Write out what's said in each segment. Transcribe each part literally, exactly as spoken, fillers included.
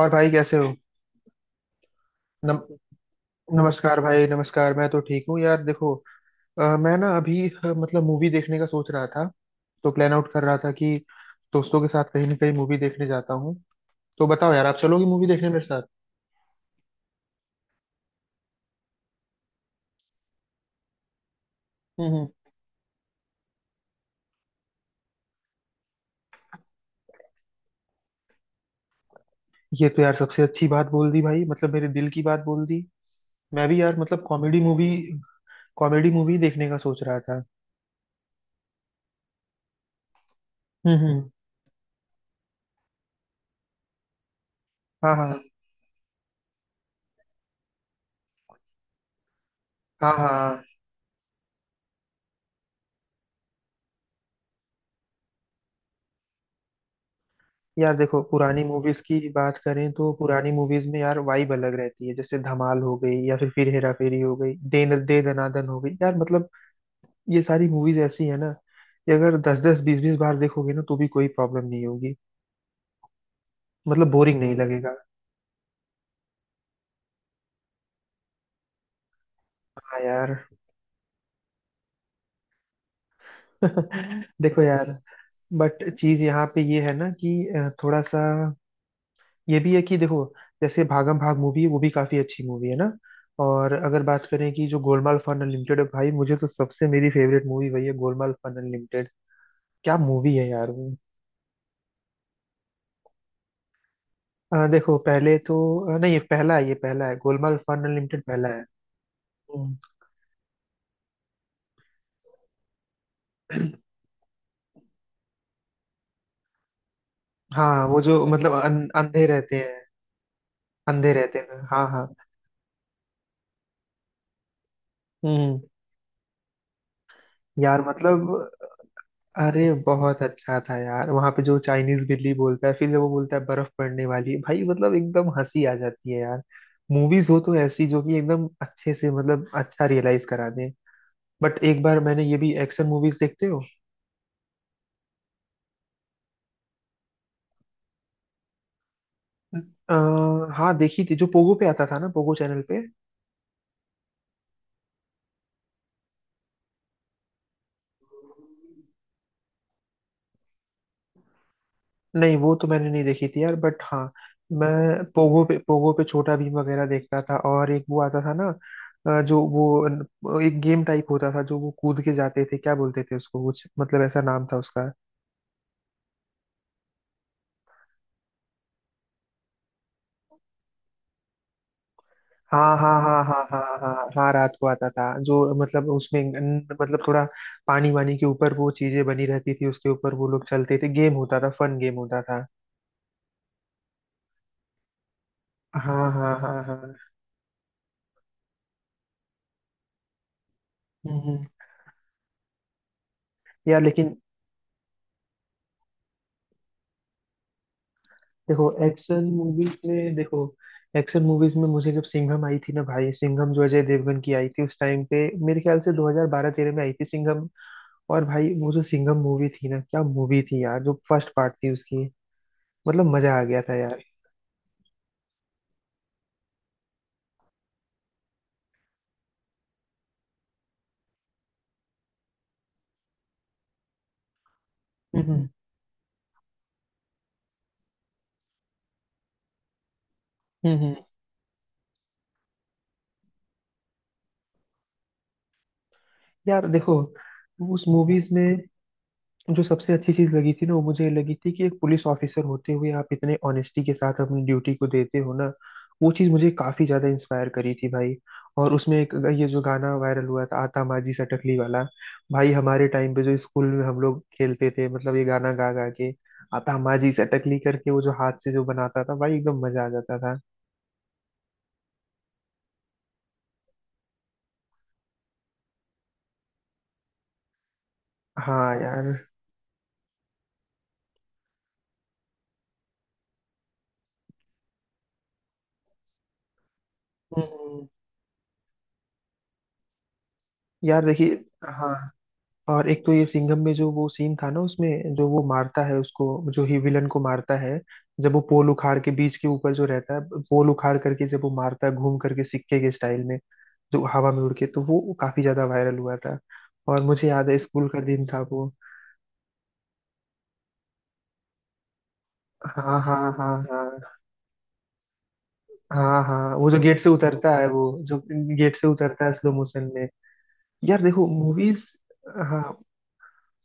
और भाई कैसे हो। नम, नमस्कार भाई नमस्कार। मैं तो ठीक हूँ यार। देखो, अ, मैं ना अभी अ, मतलब मूवी देखने का सोच रहा था। तो प्लान आउट कर रहा था कि दोस्तों के साथ कहीं ना कहीं मूवी देखने जाता हूँ। तो बताओ यार, आप चलोगे मूवी देखने मेरे साथ? हम्म हम्म। ये तो यार सबसे अच्छी बात बोल दी भाई, मतलब मेरे दिल की बात बोल दी। मैं भी यार मतलब कॉमेडी मूवी, कॉमेडी मूवी देखने का सोच रहा था। हम्म हम्म। हाँ हाँ। हाँ हाँ। यार देखो, पुरानी मूवीज की बात करें तो पुरानी मूवीज में यार वाइब अलग रहती है। जैसे धमाल हो गई या फिर फिर हेरा फेरी हो गई, दे न दे दनादन हो गई, यार मतलब ये सारी मूवीज ऐसी है ना कि अगर दस दस बीस बीस बार देखोगे ना तो भी कोई प्रॉब्लम नहीं होगी। मतलब बोरिंग नहीं लगेगा। हाँ यार। देखो यार, बट चीज यहाँ पे ये है ना कि अ, थोड़ा सा ये भी है कि देखो, जैसे भागम भाग मूवी है, वो भी काफी अच्छी मूवी है ना। और अगर बात करें कि जो गोलमाल फन अनलिमिटेड है भाई, मुझे तो सबसे मेरी फेवरेट मूवी वही है, गोलमाल फन अनलिमिटेड। क्या मूवी है यार वो। अ, देखो पहले तो अ, नहीं, ये पहला है, ये पहला है, गोलमाल फन अनलिमिटेड पहला है। हम्म। हाँ वो जो मतलब अन, अंधे रहते हैं, अंधे रहते हैं। हाँ हाँ। हम्म। यार मतलब अरे बहुत अच्छा था यार, वहां पे जो चाइनीज बिल्ली बोलता है, फिर जब वो बोलता है बर्फ पड़ने वाली है भाई, मतलब एकदम हंसी आ जाती है यार। मूवीज हो तो ऐसी, जो कि एकदम अच्छे से मतलब अच्छा रियलाइज करा दें। बट एक बार मैंने ये भी, एक्शन मूवीज देखते हो? आ, हाँ देखी थी, जो पोगो पे आता था ना, पोगो चैनल पे। नहीं, वो तो मैंने नहीं देखी थी यार, बट हाँ, मैं पोगो पे पोगो पे छोटा भीम वगैरह देखता था, और एक वो आता था ना अ, जो वो न- एक गेम टाइप होता था, जो वो कूद के जाते थे, क्या बोलते थे उसको कुछ, मतलब ऐसा नाम था उसका। हाँ हाँ हाँ हाँ हाँ हाँ हाँ हाँ, रात को आता था जो, मतलब उसमें न- मतलब थोड़ा पानी वानी के ऊपर वो चीजें बनी रहती थी, उसके ऊपर वो लोग चलते थे, गेम होता था, फन गेम होता था। हाँ हाँ हाँ हाँ। हम्म हम्म। यार लेकिन, देखो एक्शन मूवीज में, देखो एक्शन मूवीज में मुझे जब सिंघम आई थी ना भाई, सिंघम जो अजय देवगन की आई थी, उस टाइम पे मेरे ख्याल से दो हज़ार बारह-तेरह में आई थी सिंघम। और भाई वो जो सिंघम मूवी थी ना, क्या मूवी थी यार, जो फर्स्ट पार्ट थी उसकी, मतलब मजा आ गया था यार। हम्म हम्म। हम्म। यार देखो, उस मूवीज में जो सबसे अच्छी चीज लगी थी ना, वो मुझे ये लगी थी कि एक पुलिस ऑफिसर होते हुए आप इतने ऑनेस्टी के साथ अपनी ड्यूटी को देते हो ना, वो चीज मुझे काफी ज्यादा इंस्पायर करी थी भाई। और उसमें एक ये जो गाना वायरल हुआ था, आता माझी सटकली वाला, भाई हमारे टाइम पे जो स्कूल में हम लोग खेलते थे, मतलब ये गाना गा गा के आता माझी सटकली करके, वो जो हाथ से जो बनाता था भाई, एकदम मजा आ जाता था। हाँ यार। हम्म। यार देखिए, हाँ और एक तो ये सिंघम में जो वो सीन था ना, उसमें जो वो मारता है उसको, जो ही विलन को मारता है, जब वो पोल उखाड़ के बीच के ऊपर जो रहता है, पोल उखाड़ करके जब वो मारता है घूम करके, सिक्के के स्टाइल में जो हवा में उड़ के, तो वो काफी ज्यादा वायरल हुआ था। और मुझे याद है, स्कूल का दिन था वो। हाँ हाँ हाँ हाँ हाँ। हाँ वो जो गेट से उतरता है, वो जो गेट से उतरता है स्लो मोशन में। यार देखो मूवीज, हाँ,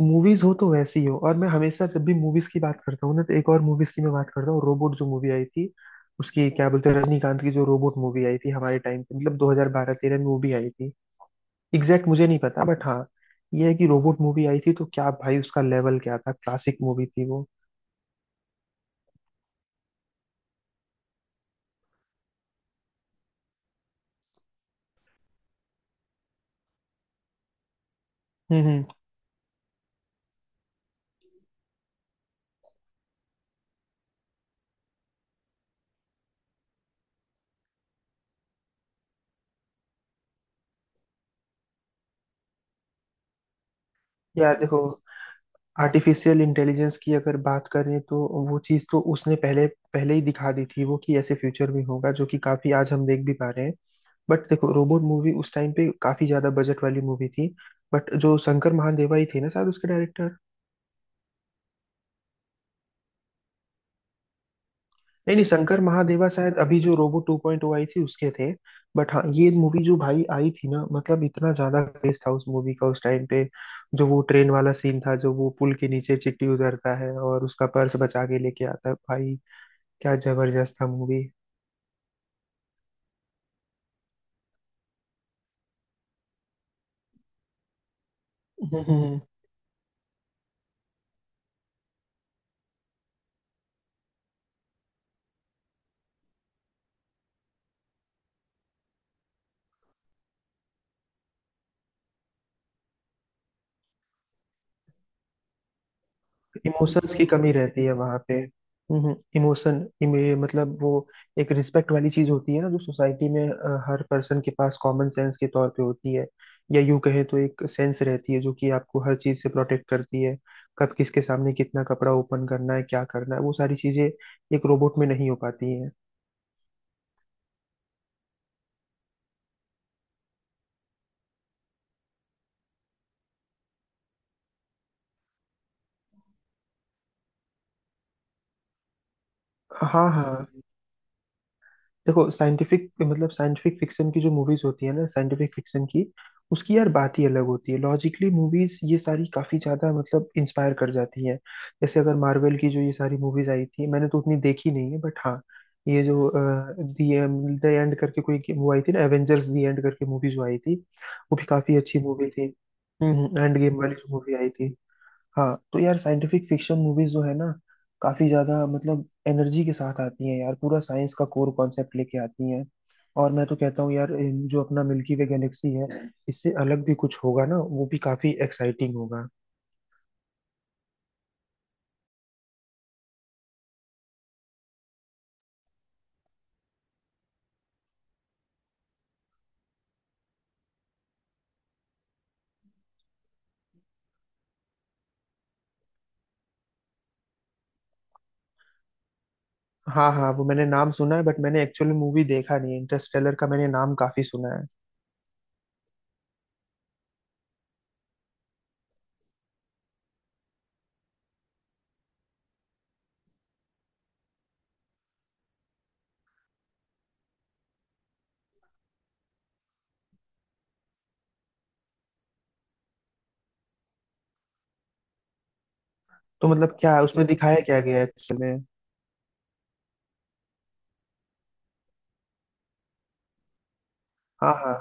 मूवीज हो तो वैसी हो। और मैं हमेशा जब भी मूवीज की बात करता हूँ ना, तो एक और मूवीज की मैं बात करता हूँ, रोबोट जो मूवी आई थी, उसकी क्या बोलते हैं, रजनीकांत की जो रोबोट मूवी आई थी हमारे टाइम पे, मतलब दो हज़ार बारह-तेरह में वो भी आई थी। एग्जैक्ट मुझे नहीं पता, बट हाँ, ये है कि रोबोट मूवी आई थी तो क्या भाई, उसका लेवल क्या था, क्लासिक मूवी थी वो। हम्म हम्म। यार देखो, आर्टिफिशियल इंटेलिजेंस की अगर बात करें तो वो चीज़ तो उसने पहले, पहले ही दिखा दी थी, वो कि ऐसे फ्यूचर में होगा जो कि काफी आज हम देख भी पा रहे हैं। बट देखो, रोबोट मूवी उस टाइम पे काफी ज्यादा बजट वाली मूवी थी। बट जो शंकर महादेवा ही थे ना शायद, उसके डायरेक्टर। नहीं नहीं, शंकर महादेवा शायद अभी जो रोबो टू पॉइंट ओ आई थी, उसके थे। बट हाँ, ये मूवी जो भाई आई थी ना, मतलब इतना ज्यादा क्रेज था उस मूवी का उस टाइम पे। जो वो ट्रेन वाला सीन था, जो वो पुल के नीचे चिट्टी उतरता है और उसका पर्स बचा के लेके आता है भाई, क्या जबरदस्त था मूवी। इमोशंस की कमी रहती है वहां पे। हम्म, इमोशन इमे, मतलब वो एक रिस्पेक्ट वाली चीज होती है ना, जो सोसाइटी में अ, हर पर्सन के पास कॉमन सेंस के तौर पे होती है। या यूं कहें तो एक सेंस रहती है जो कि आपको हर चीज से प्रोटेक्ट करती है। कब किसके सामने कितना कपड़ा ओपन करना है, क्या करना है, वो सारी चीजें एक रोबोट में नहीं हो पाती हैं। हाँ हाँ। देखो साइंटिफिक, मतलब साइंटिफिक फिक्शन की जो मूवीज होती है ना, साइंटिफिक फिक्शन की, उसकी यार बात ही अलग होती है। लॉजिकली मूवीज ये सारी काफी ज्यादा मतलब इंस्पायर कर जाती हैं। जैसे अगर मार्वल की जो ये सारी मूवीज आई थी, मैंने तो उतनी देखी नहीं है बट हाँ, ये जो दी द एंड करके कोई वो आई थी ना, एवेंजर्स दी एंड करके मूवी जो आई थी, वो भी काफी अच्छी मूवी थी। हम्म, एंड गेम वाली जो मूवी आई थी। हाँ तो यार, साइंटिफिक फिक्शन मूवीज जो है ना, काफी ज्यादा मतलब एनर्जी के साथ आती हैं यार, पूरा साइंस का कोर कॉन्सेप्ट लेके आती हैं। और मैं तो कहता हूँ यार, इन- जो अपना मिल्की वे गैलेक्सी है, इससे अलग भी कुछ होगा ना, वो भी काफी एक्साइटिंग होगा। हाँ हाँ, वो मैंने नाम सुना है, बट मैंने एक्चुअली मूवी देखा नहीं है। इंटरस्टेलर का मैंने नाम काफी सुना है। तो मतलब क्या है, उसमें दिखाया क्या गया है एक्चुअली में? हाँ हाँ।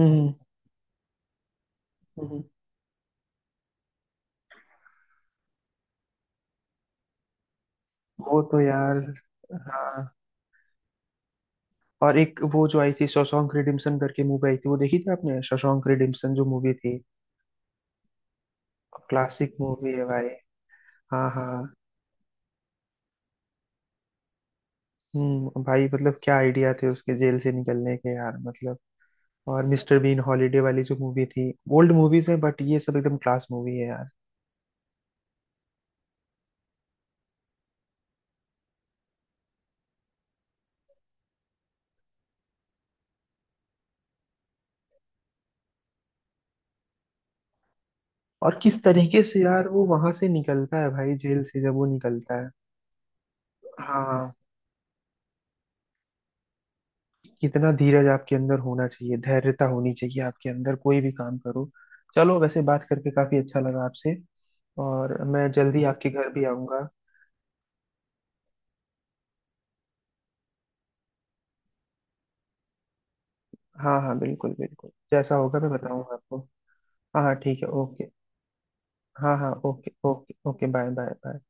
हम्म हम्म, हम्म। वो तो यार, हाँ। और एक वो जो आई थी, शॉशैंक रिडेम्पशन करके मूवी आई थी, वो देखी थी आपने, शॉशैंक रिडेम्पशन जो मूवी थी? क्लासिक मूवी है भाई। हाँ हाँ। हम्म, भाई मतलब क्या आइडिया थे उसके जेल से निकलने के यार, मतलब। और मिस्टर बीन हॉलीडे वाली जो मूवी थी, ओल्ड मूवीज हैं बट ये सब एकदम क्लास मूवी है यार। और किस तरीके से यार वो वहां से निकलता है भाई, जेल से जब वो निकलता है। हाँ। कितना धीरज आपके अंदर होना चाहिए, धैर्यता होनी चाहिए आपके अंदर, कोई भी काम करो। चलो, वैसे बात करके काफी अच्छा लगा आपसे। और मैं जल्दी, हम्म। आपके घर भी आऊँगा। हाँ हाँ बिल्कुल, बिल्कुल जैसा होगा मैं बताऊँगा आपको। हाँ हाँ ठीक है, ओके। हाँ हाँ okay okay okay, bye bye bye.